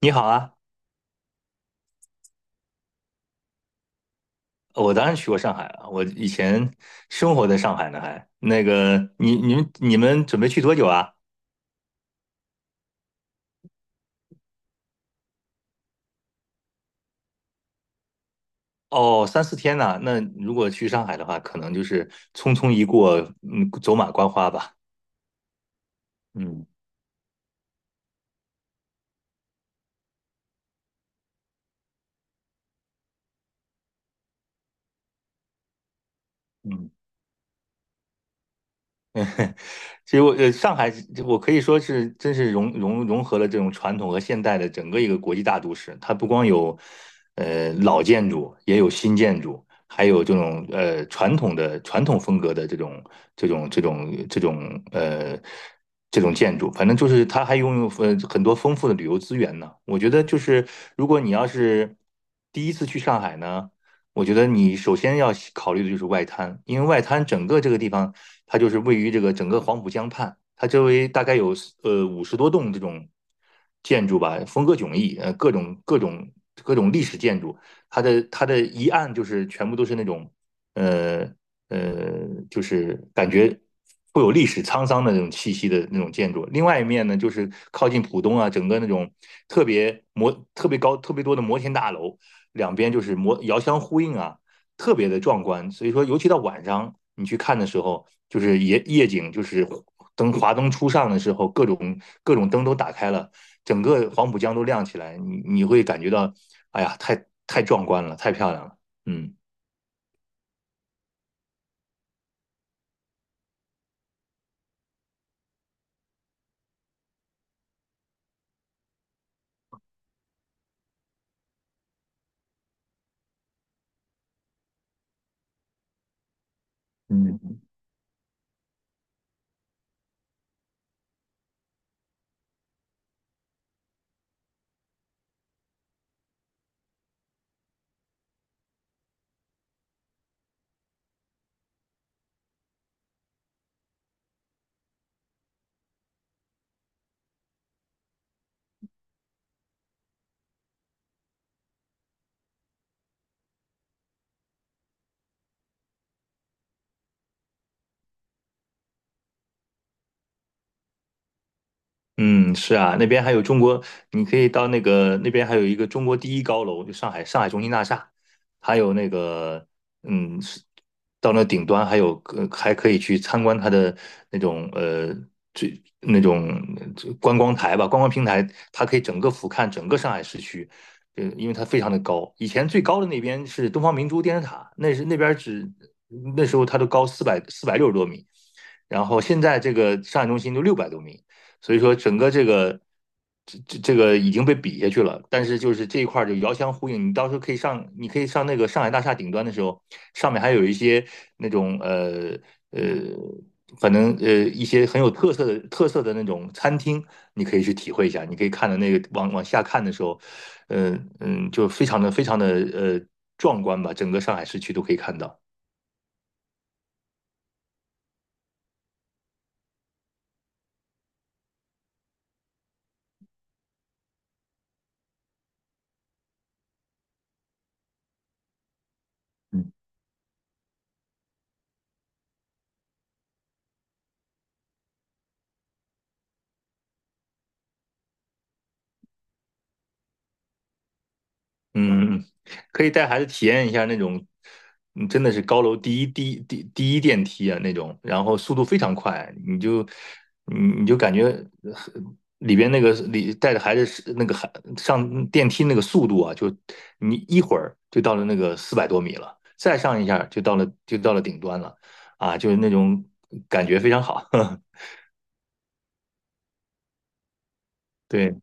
你好啊。我当然去过上海了，我以前生活在上海呢还。那个，你们准备去多久啊？哦，三四天呢，那如果去上海的话，可能就是匆匆一过，走马观花吧。嗯嗯。其实我上海我可以说是真是融合了这种传统和现代的整个一个国际大都市。它不光有老建筑，也有新建筑，还有这种传统风格的这种这种这种呃这种建筑。反正就是它还拥有很多丰富的旅游资源呢。我觉得就是如果你要是第一次去上海呢，我觉得你首先要考虑的就是外滩。因为外滩整个这个地方它就是位于这个整个黄浦江畔，它周围大概有50多栋这种建筑吧，风格迥异，各种历史建筑。它的一岸就是全部都是那种呃，就是感觉。会有历史沧桑的那种气息的那种建筑，另外一面呢，就是靠近浦东啊，整个那种特别高、特别多的摩天大楼，两边就是遥相呼应啊，特别的壮观。所以说，尤其到晚上你去看的时候，就是夜景，就是华灯初上的时候，各种灯都打开了，整个黄浦江都亮起来，你会感觉到，哎呀，太壮观了，太漂亮了。嗯嗯。嗯，是啊，那边还有中国，你可以到那个那边还有一个中国第一高楼，就上海中心大厦，还有那个，是到那顶端还有还可以去参观它的那种呃那种观光台吧，观光平台，它可以整个俯瞰整个上海市区。因为它非常的高，以前最高的那边是东方明珠电视塔，那是那边只那时候它都高四百六十多米，然后现在这个上海中心都600多米。所以说整个这个这个已经被比下去了，但是就是这一块儿就遥相呼应。你到时候可以上那个上海大厦顶端的时候，上面还有一些那种呃，反正一些很有特色的那种餐厅，你可以去体会一下。你可以看到那个往下看的时候，就非常的壮观吧，整个上海市区都可以看到。嗯。嗯，嗯嗯可以带孩子体验一下那种，真的是高楼第一电梯啊那种，然后速度非常快，你就感觉呃里边那个里带着孩子是那个孩上电梯那个速度啊，就你一会儿就到了那个400多米了，再上一下就到了顶端了，啊，就是那种感觉非常好。对。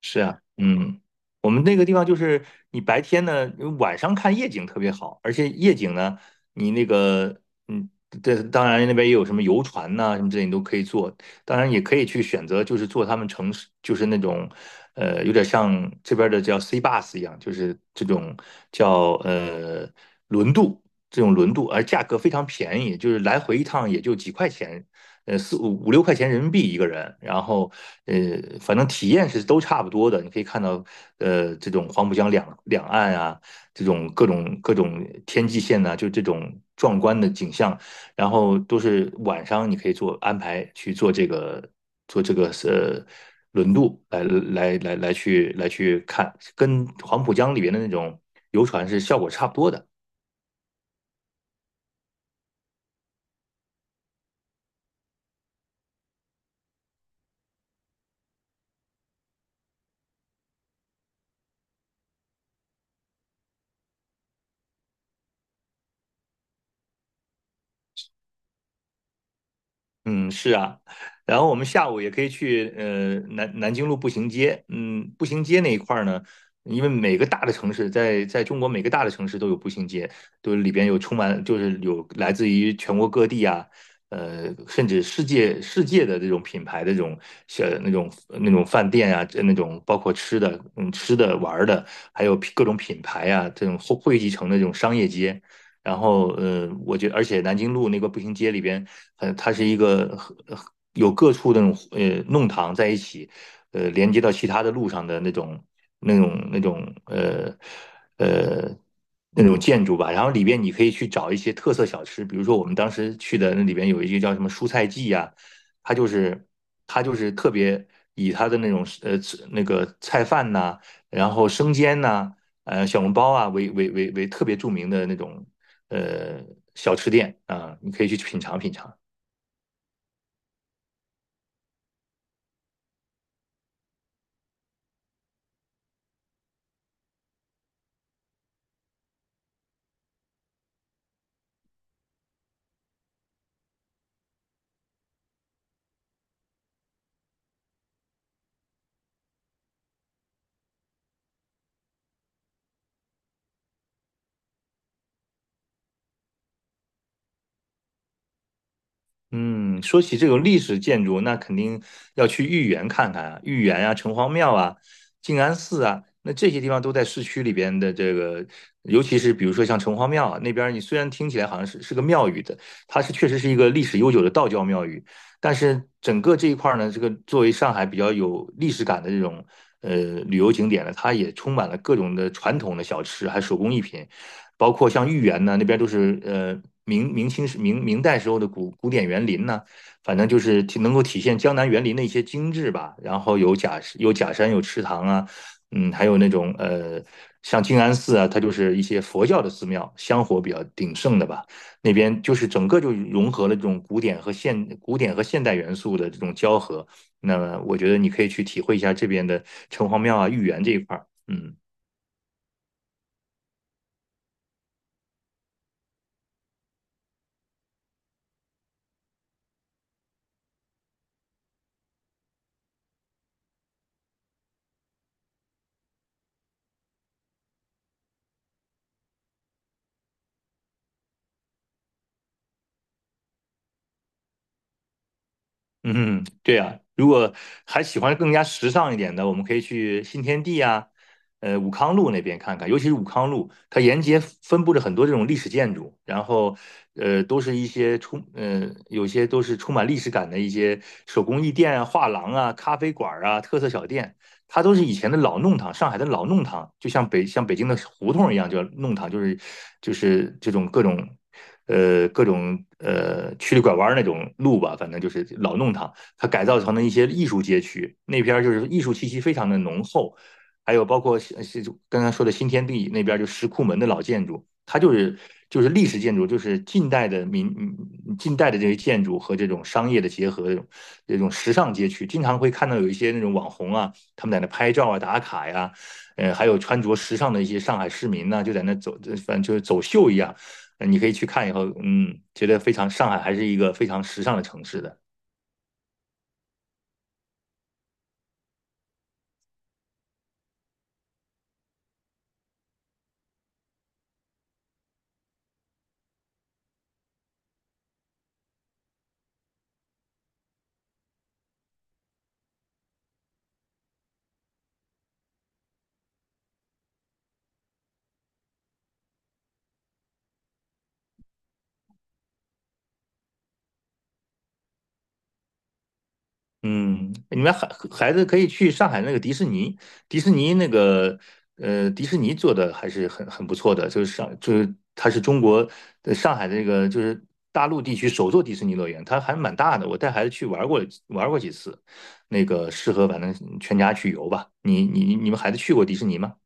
是啊，我们那个地方就是你白天呢，晚上看夜景特别好，而且夜景呢，你那个，嗯，这当然那边也有什么游船呐、什么之类，你都可以坐。当然也可以去选择，就是坐他们城市，就是那种，有点像这边的叫 C bus 一样，就是这种叫轮渡，这种轮渡，而价格非常便宜，就是来回一趟也就几块钱，四五五六块钱人民币一个人，然后呃反正体验是都差不多的。你可以看到这种黄浦江两岸啊，这种各种天际线呐、就这种壮观的景象，然后都是晚上你可以做安排去做这个做这个呃轮渡来来去去看，跟黄浦江里边的那种游船是效果差不多的。嗯，是啊，然后我们下午也可以去南京路步行街。嗯，步行街那一块儿呢，因为每个大的城市在中国每个大的城市都有步行街，都里边有充满就是有来自于全国各地啊，甚至世界的这种品牌的这种小那种那种饭店啊，这那种包括吃的，吃的玩儿的，还有各种品牌啊，这种汇集成的这种商业街。然后我觉得而且南京路那个步行街里边，它是一个有各处的那种弄堂在一起，连接到其他的路上的那种那种呃呃那种建筑吧。然后里边你可以去找一些特色小吃，比如说我们当时去的那里边有一个叫什么蔬菜记呀，它就是它就是特别以它的那种那个菜饭呐、然后生煎呐、小笼包啊为特别著名的那种呃小吃店啊，你可以去品尝品尝。嗯，说起这种历史建筑，那肯定要去豫园看看啊。豫园啊、城隍庙啊、静安寺啊，那这些地方都在市区里边的这个。尤其是比如说像城隍庙啊那边儿，你虽然听起来好像是个庙宇的，它确实是一个历史悠久的道教庙宇，但是整个这一块儿呢，这个作为上海比较有历史感的这种呃旅游景点呢，它也充满了各种的传统的小吃，还有手工艺品。包括像豫园呢，那边都是明代时候的古典园林呢，反正就是能够体现江南园林的一些精致吧。然后有假山，有池塘啊。还有那种像静安寺啊，它就是一些佛教的寺庙，香火比较鼎盛的吧。那边就是整个就融合了这种古典和现代元素的这种交合。那么我觉得你可以去体会一下这边的城隍庙啊、豫园这一块儿。嗯。嗯，对啊，如果还喜欢更加时尚一点的，我们可以去新天地啊，武康路那边看看。尤其是武康路，它沿街分布着很多这种历史建筑，然后，呃，都是一些充，呃，有些都是充满历史感的一些手工艺店啊、画廊啊、咖啡馆啊、特色小店。它都是以前的老弄堂，上海的老弄堂，就像像北京的胡同一样，叫弄堂，就是这种各种曲里拐弯那种路吧，反正就是老弄堂，它改造成了一些艺术街区，那边就是艺术气息非常的浓厚。还有包括是刚才说的新天地那边就石库门的老建筑，它就是历史建筑，就是近代的这些建筑和这种商业的结合，这种时尚街区，经常会看到有一些那种网红啊。他们在那拍照啊、打卡呀、啊，还有穿着时尚的一些上海市民呢，啊就在那走，反正就是走秀一样。你可以去看以后，觉得非常上海还是一个非常时尚的城市的。嗯，你们孩子可以去上海那个迪士尼。迪士尼那个，迪士尼做的还是很不错的。就是就是它是中国上海的那个就是大陆地区首座迪士尼乐园，它还蛮大的，我带孩子去玩过几次，那个适合反正全家去游吧。你们孩子去过迪士尼吗？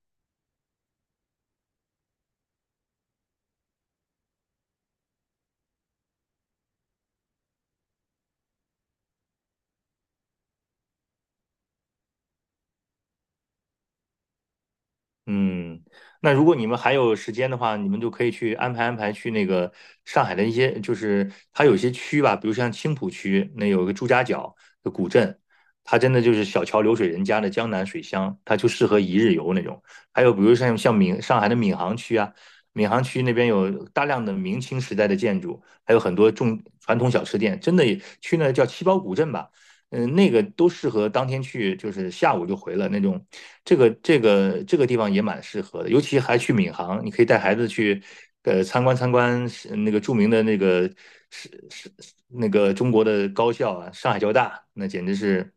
嗯，那如果你们还有时间的话，你们就可以去安排安排去那个上海的一些，就是它有一些区吧，比如像青浦区，那有一个朱家角的古镇，它真的就是小桥流水人家的江南水乡，它就适合一日游那种。还有比如像上海的闵行区啊，闵行区那边有大量的明清时代的建筑，还有很多重传统小吃店，真的也去那叫七宝古镇吧。那个都适合当天去，就是下午就回了那种。这个地方也蛮适合的，尤其还去闵行，你可以带孩子去，参观参观是那个著名的那个是是中国的高校啊，上海交大，那简直是，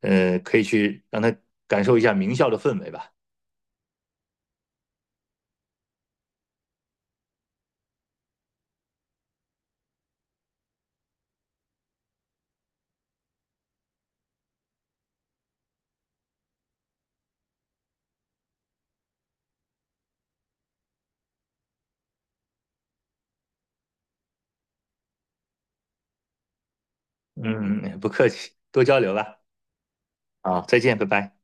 可以去让他感受一下名校的氛围吧。嗯，嗯嗯，不客气，多交流吧。啊，再见，拜拜。